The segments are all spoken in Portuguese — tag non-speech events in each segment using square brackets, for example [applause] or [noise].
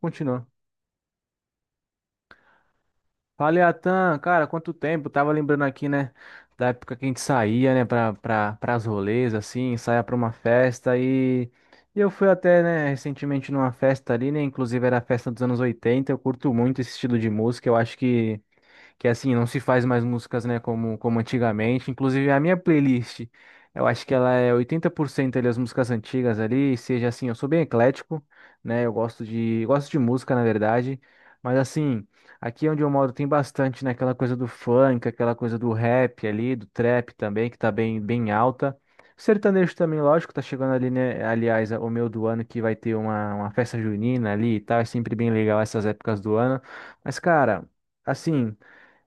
Continua. Fala, Atan, cara, quanto tempo? Tava lembrando aqui, né, da época que a gente saía, né, pras rolês, assim, saia pra uma festa e. E eu fui até, né, recentemente numa festa ali, né, inclusive era a festa dos anos 80. Eu curto muito esse estilo de música, eu acho que assim, não se faz mais músicas, né, como antigamente. Inclusive, a minha playlist, eu acho que ela é 80% ali as músicas antigas ali, seja assim, eu sou bem eclético, né, eu gosto de música, na verdade, mas assim, aqui onde eu moro tem bastante, né, aquela coisa do funk, aquela coisa do rap ali, do trap também, que tá bem, bem alta. Sertanejo também, lógico, tá chegando ali, né? Aliás, o meu do ano que vai ter uma festa junina ali e tal. É sempre bem legal essas épocas do ano. Mas, cara, assim.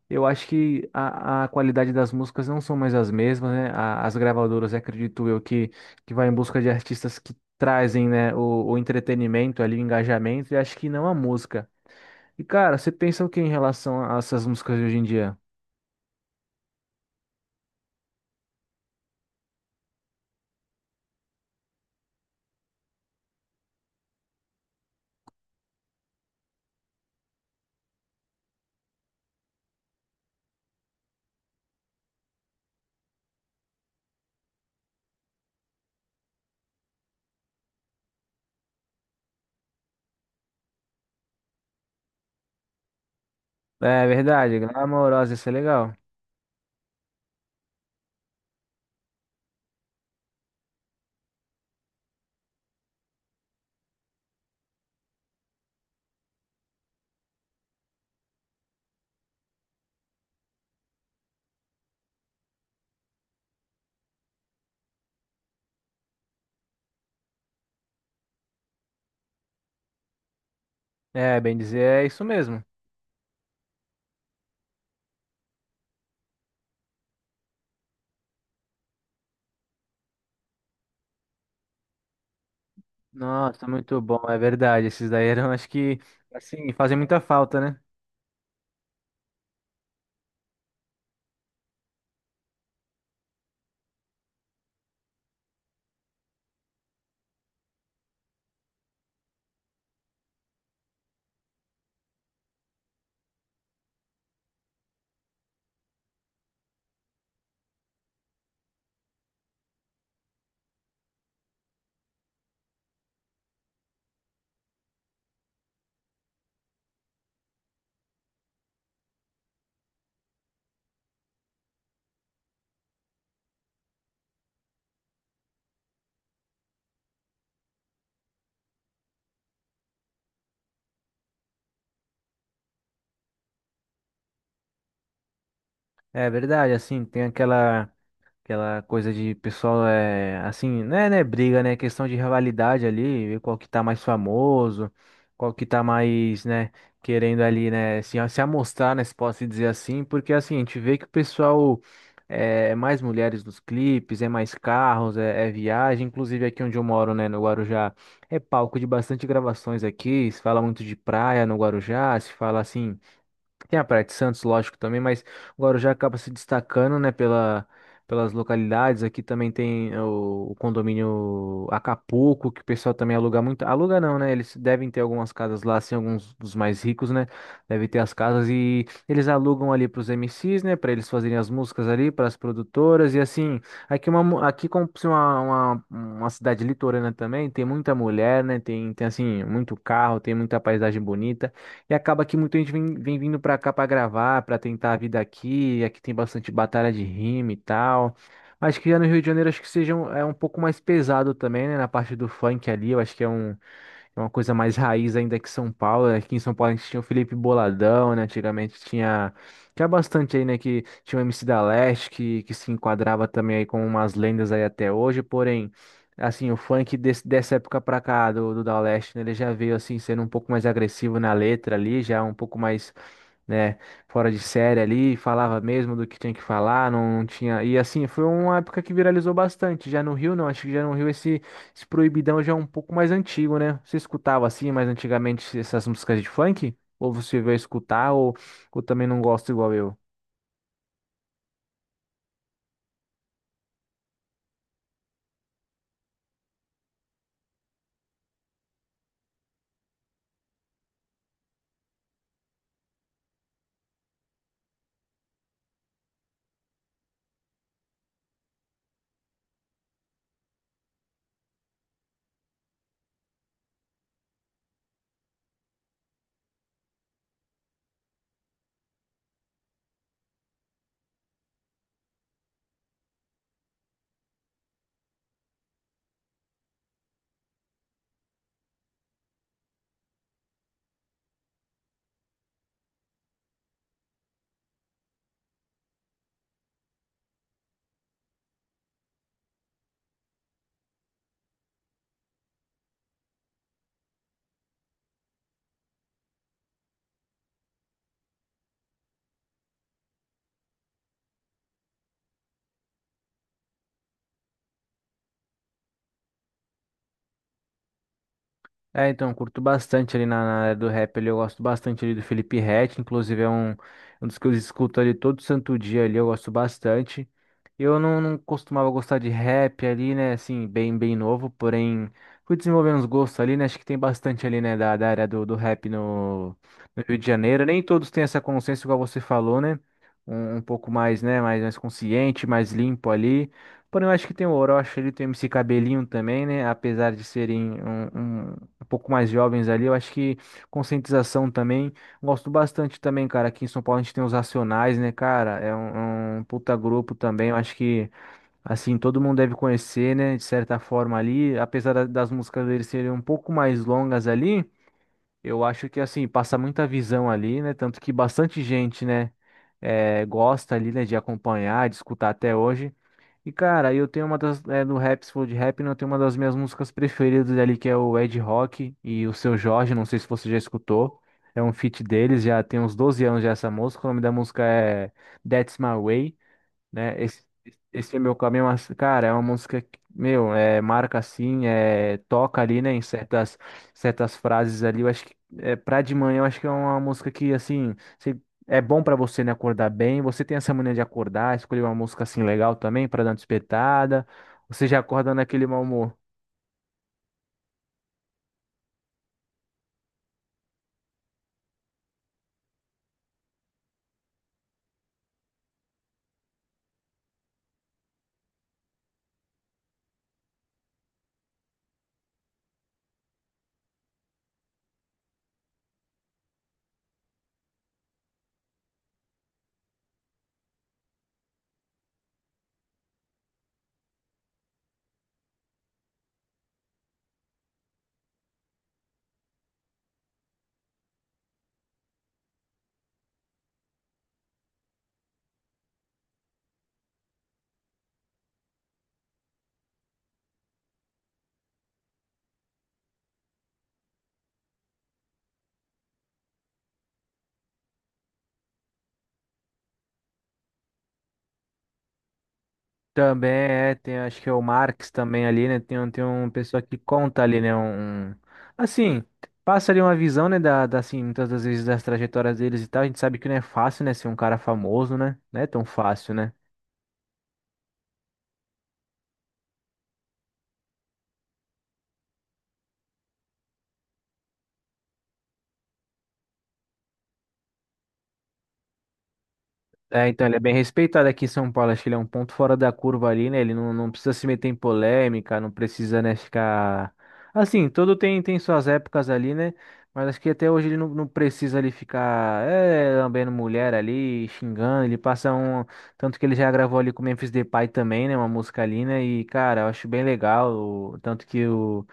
Eu acho que a qualidade das músicas não são mais as mesmas, né? As gravadoras, acredito eu, que vai em busca de artistas que trazem, né, o entretenimento ali, o engajamento, e acho que não a música. E, cara, você pensa o que em relação a essas músicas de hoje em dia? É verdade, Glamourosa, isso é legal. É, bem dizer, é isso mesmo. Nossa, muito bom, é verdade. Esses daí [laughs] eram, acho que, assim, fazem muita falta, né? É verdade, assim, tem aquela. Aquela coisa de pessoal é assim, né, briga, né, questão de rivalidade ali, ver qual que tá mais famoso, qual que tá mais, né, querendo ali, né, se amostrar, né, se posso dizer assim, porque assim, a gente vê que o pessoal é mais mulheres nos clipes, é mais carros, é viagem, inclusive aqui onde eu moro, né, no Guarujá, é palco de bastante gravações aqui, se fala muito de praia no Guarujá, se fala assim tem a Praia de Santos, lógico, também, mas o Guarujá acaba se destacando, né, pelas localidades. Aqui também tem o condomínio Acapulco, que o pessoal também aluga muito. Aluga não, né? Eles devem ter algumas casas lá, assim, alguns dos mais ricos, né? Devem ter as casas e eles alugam ali para os MCs, né? Para eles fazerem as músicas ali, para as produtoras. E assim, aqui, aqui como se uma cidade litorânea também, tem muita mulher, né? Tem assim, muito carro, tem muita paisagem bonita. E acaba que muita gente vem vindo pra cá pra gravar, pra tentar a vida aqui. Aqui tem bastante batalha de rima e tal. Acho que já no Rio de Janeiro acho que seja é um pouco mais pesado também, né? Na parte do funk ali, eu acho que é uma coisa mais raiz ainda que São Paulo, né? Aqui em São Paulo a gente tinha o Felipe Boladão, né? Antigamente tinha. Tinha bastante aí, né? Que tinha o MC da Leste, que se enquadrava também aí com umas lendas aí até hoje. Porém, assim, o funk dessa época pra cá, do, do da Leste, né? Ele já veio, assim, sendo um pouco mais agressivo na letra ali, já um pouco mais, né, fora de série ali, falava mesmo do que tinha que falar, não, não tinha. E assim, foi uma época que viralizou bastante. Já no Rio, não, acho que já no Rio esse proibidão já é um pouco mais antigo, né? Você escutava assim, mais antigamente essas músicas de funk? Ou você veio escutar, ou também não gosta igual eu? É, então, eu curto bastante ali na área do rap, ali, eu gosto bastante ali do Felipe Ret, inclusive é um dos que eu escuto ali todo santo dia ali, eu gosto bastante. Eu não, não costumava gostar de rap ali, né, assim, bem, bem novo, porém fui desenvolvendo os gostos ali, né, acho que tem bastante ali, né, da área do rap no Rio de Janeiro, nem todos têm essa consciência igual você falou, né, um pouco mais, né, mais consciente, mais limpo ali. Porém, eu acho que tem o Orochi, ele tem o MC Cabelinho também, né? Apesar de serem um pouco mais jovens ali. Eu acho que conscientização também. Gosto bastante também, cara. Aqui em São Paulo a gente tem os Racionais, né, cara? É um puta grupo também. Eu acho que, assim, todo mundo deve conhecer, né, de certa forma ali. Apesar das músicas deles serem um pouco mais longas ali, eu acho que, assim, passa muita visão ali, né? Tanto que bastante gente, né, gosta ali, né, de acompanhar, de escutar até hoje. E cara, eu tenho uma das, é, do rap, se for de rap, né, eu tenho uma das minhas músicas preferidas ali, que é o Ed Rock e o Seu Jorge, não sei se você já escutou. É um feat deles, já tem uns 12 anos já essa música, o nome da música é "That's My Way", né? Esse é meu caminho, mas, cara, é uma música que, meu, é, marca assim, é, toca ali, né, em certas frases ali. Eu acho que é, pra de manhã, eu acho que é uma música que, assim, é bom pra você, né, acordar bem. Você tem essa mania de acordar, escolher uma música assim legal também pra dar uma despertada. Você já acorda naquele mau humor. Também é, tem acho que é o Marx também ali, né? Tem uma pessoa que conta ali, né? Um, assim, passa ali uma visão, né? Da, assim, muitas das vezes das trajetórias deles e tal. A gente sabe que não é fácil, né? Ser um cara famoso, né? Não é tão fácil, né? É, então ele é bem respeitado aqui em São Paulo. Acho que ele é um ponto fora da curva ali, né? Ele não, não precisa se meter em polêmica, não precisa, né, ficar. Assim, todo tem suas épocas ali, né? Mas acho que até hoje ele não, não precisa ali ficar lambendo mulher ali, xingando. Ele passa um. Tanto que ele já gravou ali com o Memphis Depay também, né? Uma música ali, né? E, cara, eu acho bem legal. Tanto que o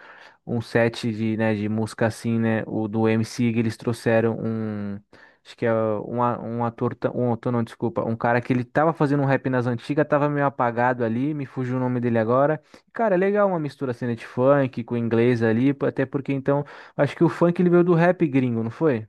um set de, né, de música assim, né? O do MC, eles trouxeram um. Acho que é um, um ator, um ator, não, desculpa, um cara que ele tava fazendo um rap nas antigas, tava meio apagado ali, me fugiu o nome dele agora. Cara, é legal uma mistura assim, né, de funk com inglês ali, até porque então, acho que o funk ele veio do rap gringo, não foi?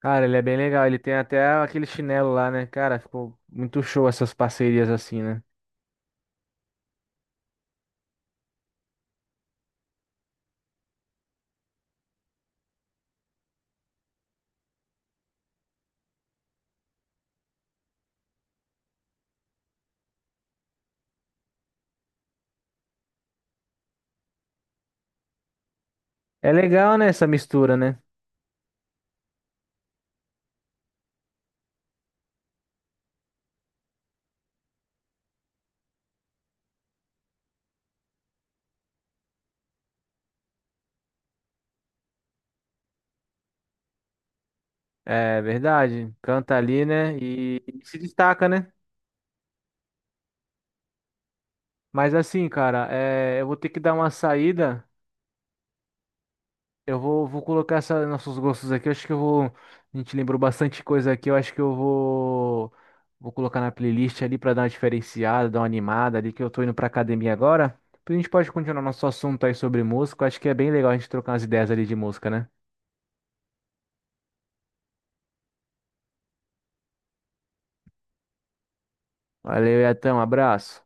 Cara, ele é bem legal, ele tem até aquele chinelo lá, né? Cara, ficou muito show essas parcerias assim, né? É legal, né, essa mistura, né? É verdade, canta ali, né? E se destaca, né? Mas assim, cara, eu vou ter que dar uma saída. Eu vou colocar nossos gostos aqui. Eu acho que eu vou. A gente lembrou bastante coisa aqui. Eu acho que eu vou. Vou colocar na playlist ali pra dar uma diferenciada, dar uma animada ali, que eu tô indo pra academia agora. Depois a gente pode continuar nosso assunto aí sobre música. Eu acho que é bem legal a gente trocar umas ideias ali de música, né? Valeu, Iatan, um abraço.